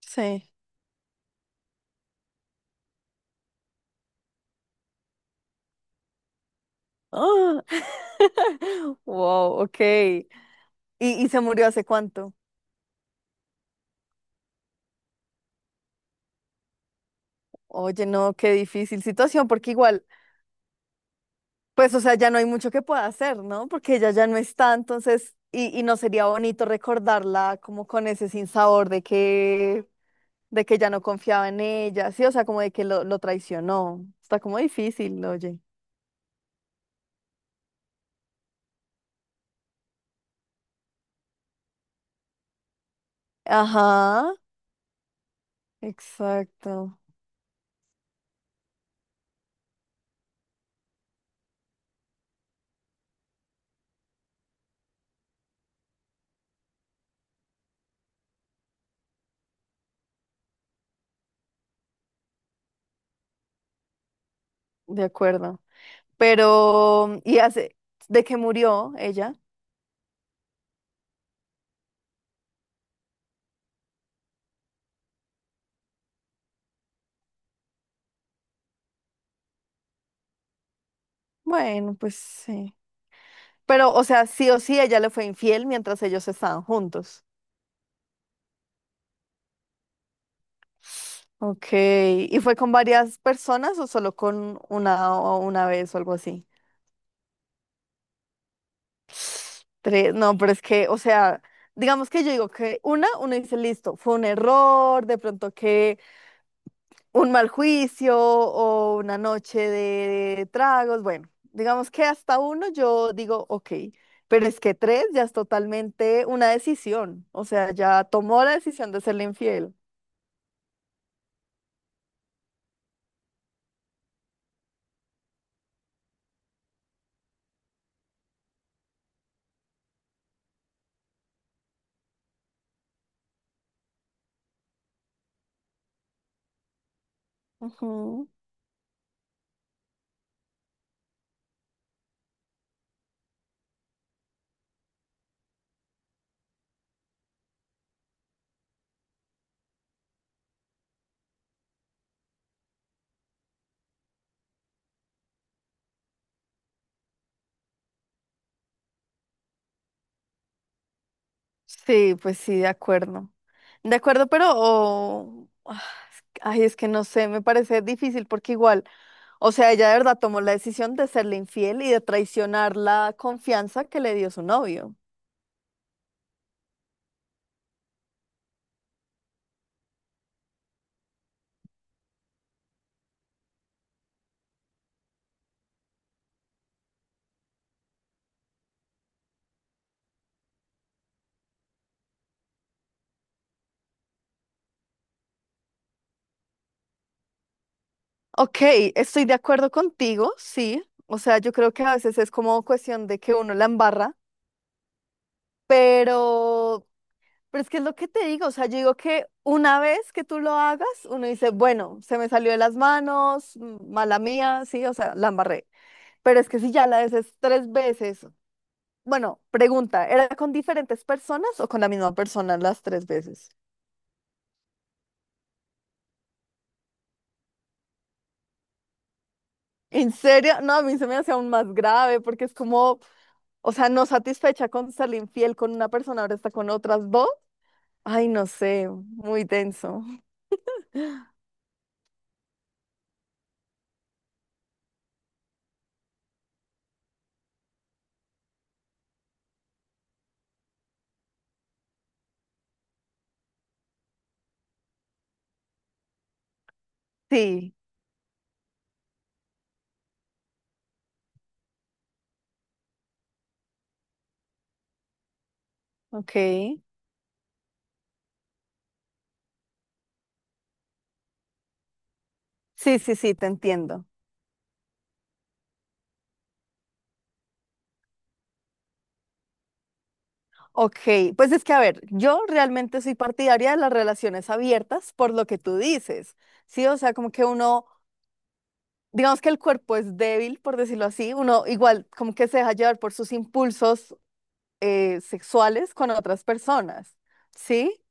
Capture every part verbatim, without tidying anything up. Sí. ¡Ah! Wow, ok. ¿Y, y se murió hace cuánto? Oye, no, qué difícil situación, porque igual, pues, o sea, ya no hay mucho que pueda hacer, ¿no? Porque ella ya no está, entonces, y, y no sería bonito recordarla como con ese sinsabor de que, de que ya no confiaba en ella, sí, o sea, como de que lo, lo traicionó. Está como difícil, oye. Ajá, exacto, de acuerdo. Pero, ¿y hace, de qué murió ella? Bueno, pues sí. Pero, o sea, sí o sí, ella le fue infiel mientras ellos estaban juntos. Ok. ¿Y fue con varias personas o solo con una o una vez o algo así? Tres. No, pero es que, o sea, digamos que yo digo que una, uno dice, listo, fue un error, de pronto que un mal juicio o una noche de tragos. Bueno, digamos que hasta uno yo digo, ok, pero es que tres ya es totalmente una decisión, o sea, ya tomó la decisión de serle infiel. Ujú. Sí, pues sí, de acuerdo. De acuerdo, pero, oh, ah, es que- ay, es que no sé, me parece difícil porque igual, o sea, ella de verdad tomó la decisión de serle infiel y de traicionar la confianza que le dio su novio. Ok, estoy de acuerdo contigo, sí. O sea, yo creo que a veces es como cuestión de que uno la embarra, pero, pero es que es lo que te digo. O sea, yo digo que una vez que tú lo hagas, uno dice, bueno, se me salió de las manos, mm, mala mía, sí, o sea, la embarré. Pero es que si ya la haces tres veces, bueno, pregunta, ¿era con diferentes personas o con la misma persona las tres veces? ¿En serio? No, a mí se me hace aún más grave porque es como... O sea, no satisfecha con ser infiel con una persona, ahora está con otras dos. Ay, no sé, muy denso. Sí, ok. Sí, sí, sí, te entiendo. Ok, pues es que a ver, yo realmente soy partidaria de las relaciones abiertas por lo que tú dices, ¿sí? O sea, como que uno, digamos que el cuerpo es débil, por decirlo así, uno igual como que se deja llevar por sus impulsos eh, sexuales con otras personas, ¿sí?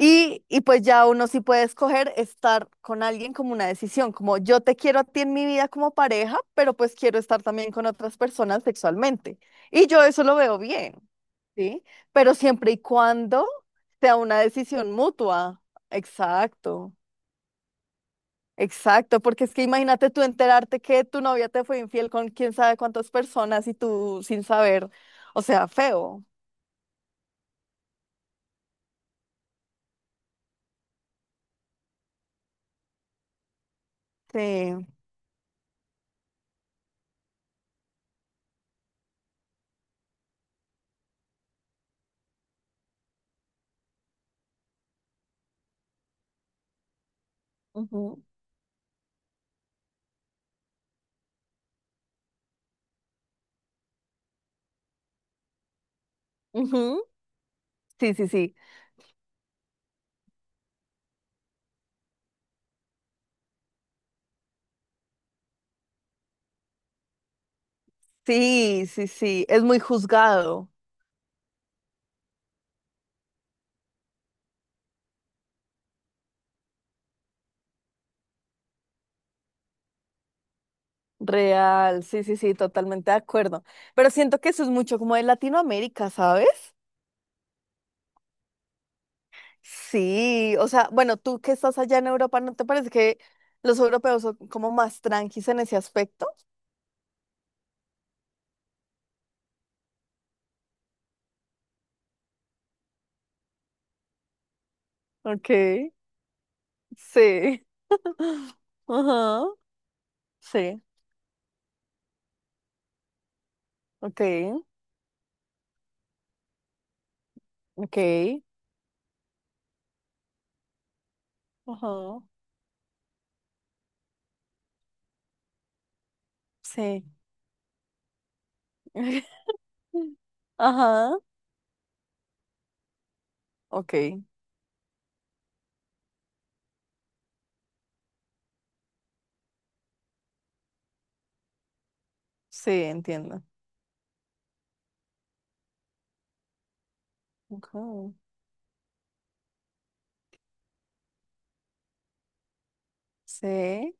Y, y pues ya uno sí puede escoger estar con alguien como una decisión, como yo te quiero a ti en mi vida como pareja, pero pues quiero estar también con otras personas sexualmente. Y yo eso lo veo bien, ¿sí? Pero siempre y cuando sea una decisión mutua. Exacto, exacto, porque es que imagínate tú enterarte que tu novia te fue infiel con quién sabe cuántas personas y tú sin saber, o sea, feo. Sí. Ujú, ujú, sí, sí, sí. Sí, sí, sí, es muy juzgado, real, sí, sí, sí, totalmente de acuerdo. Pero siento que eso es mucho como de Latinoamérica, ¿sabes? Sí, o sea, bueno, tú que estás allá en Europa, ¿no te parece que los europeos son como más tranquis en ese aspecto? Ok, sí, ajá, sí, ok, ok, ajá, sí, ajá, ok, sí, entiendo. Ajá, sí,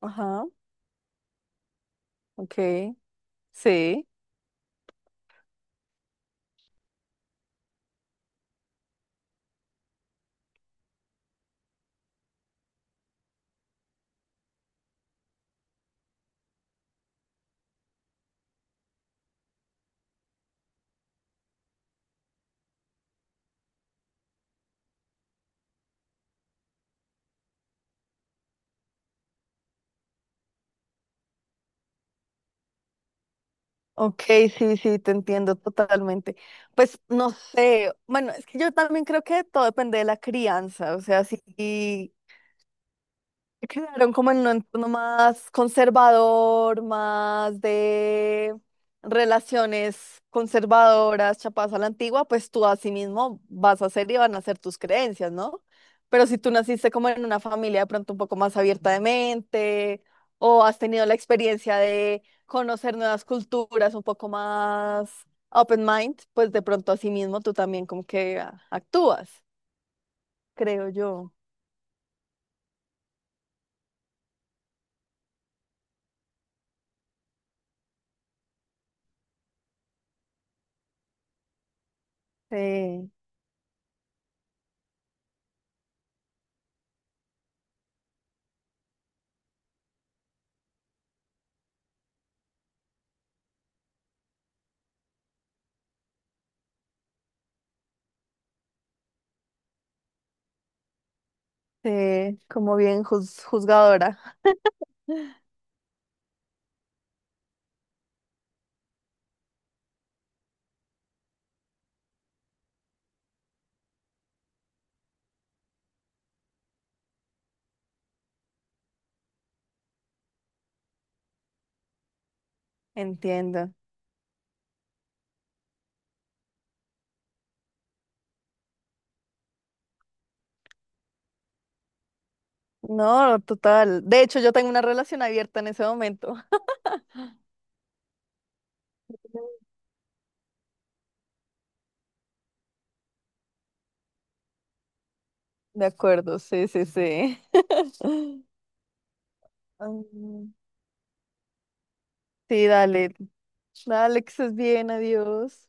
ajá, ok, sí. Ok, sí, sí, te entiendo totalmente. Pues no sé, bueno, es que yo también creo que todo depende de la crianza, o sea, si quedaron como en un entorno más conservador, más de relaciones conservadoras, chapadas a la antigua, pues tú así mismo vas a ser y van a ser tus creencias, ¿no? Pero si tú naciste como en una familia de pronto un poco más abierta de mente o has tenido la experiencia de conocer nuevas culturas un poco más open mind, pues de pronto así mismo tú también como que ah, actúas, creo yo. Sí. Sí, como bien juz- juzgadora. Entiendo. No, total. De hecho, yo tengo una relación abierta en ese momento. De acuerdo, sí, sí, sí. Mm, sí, dale. Dale, que estés bien, adiós.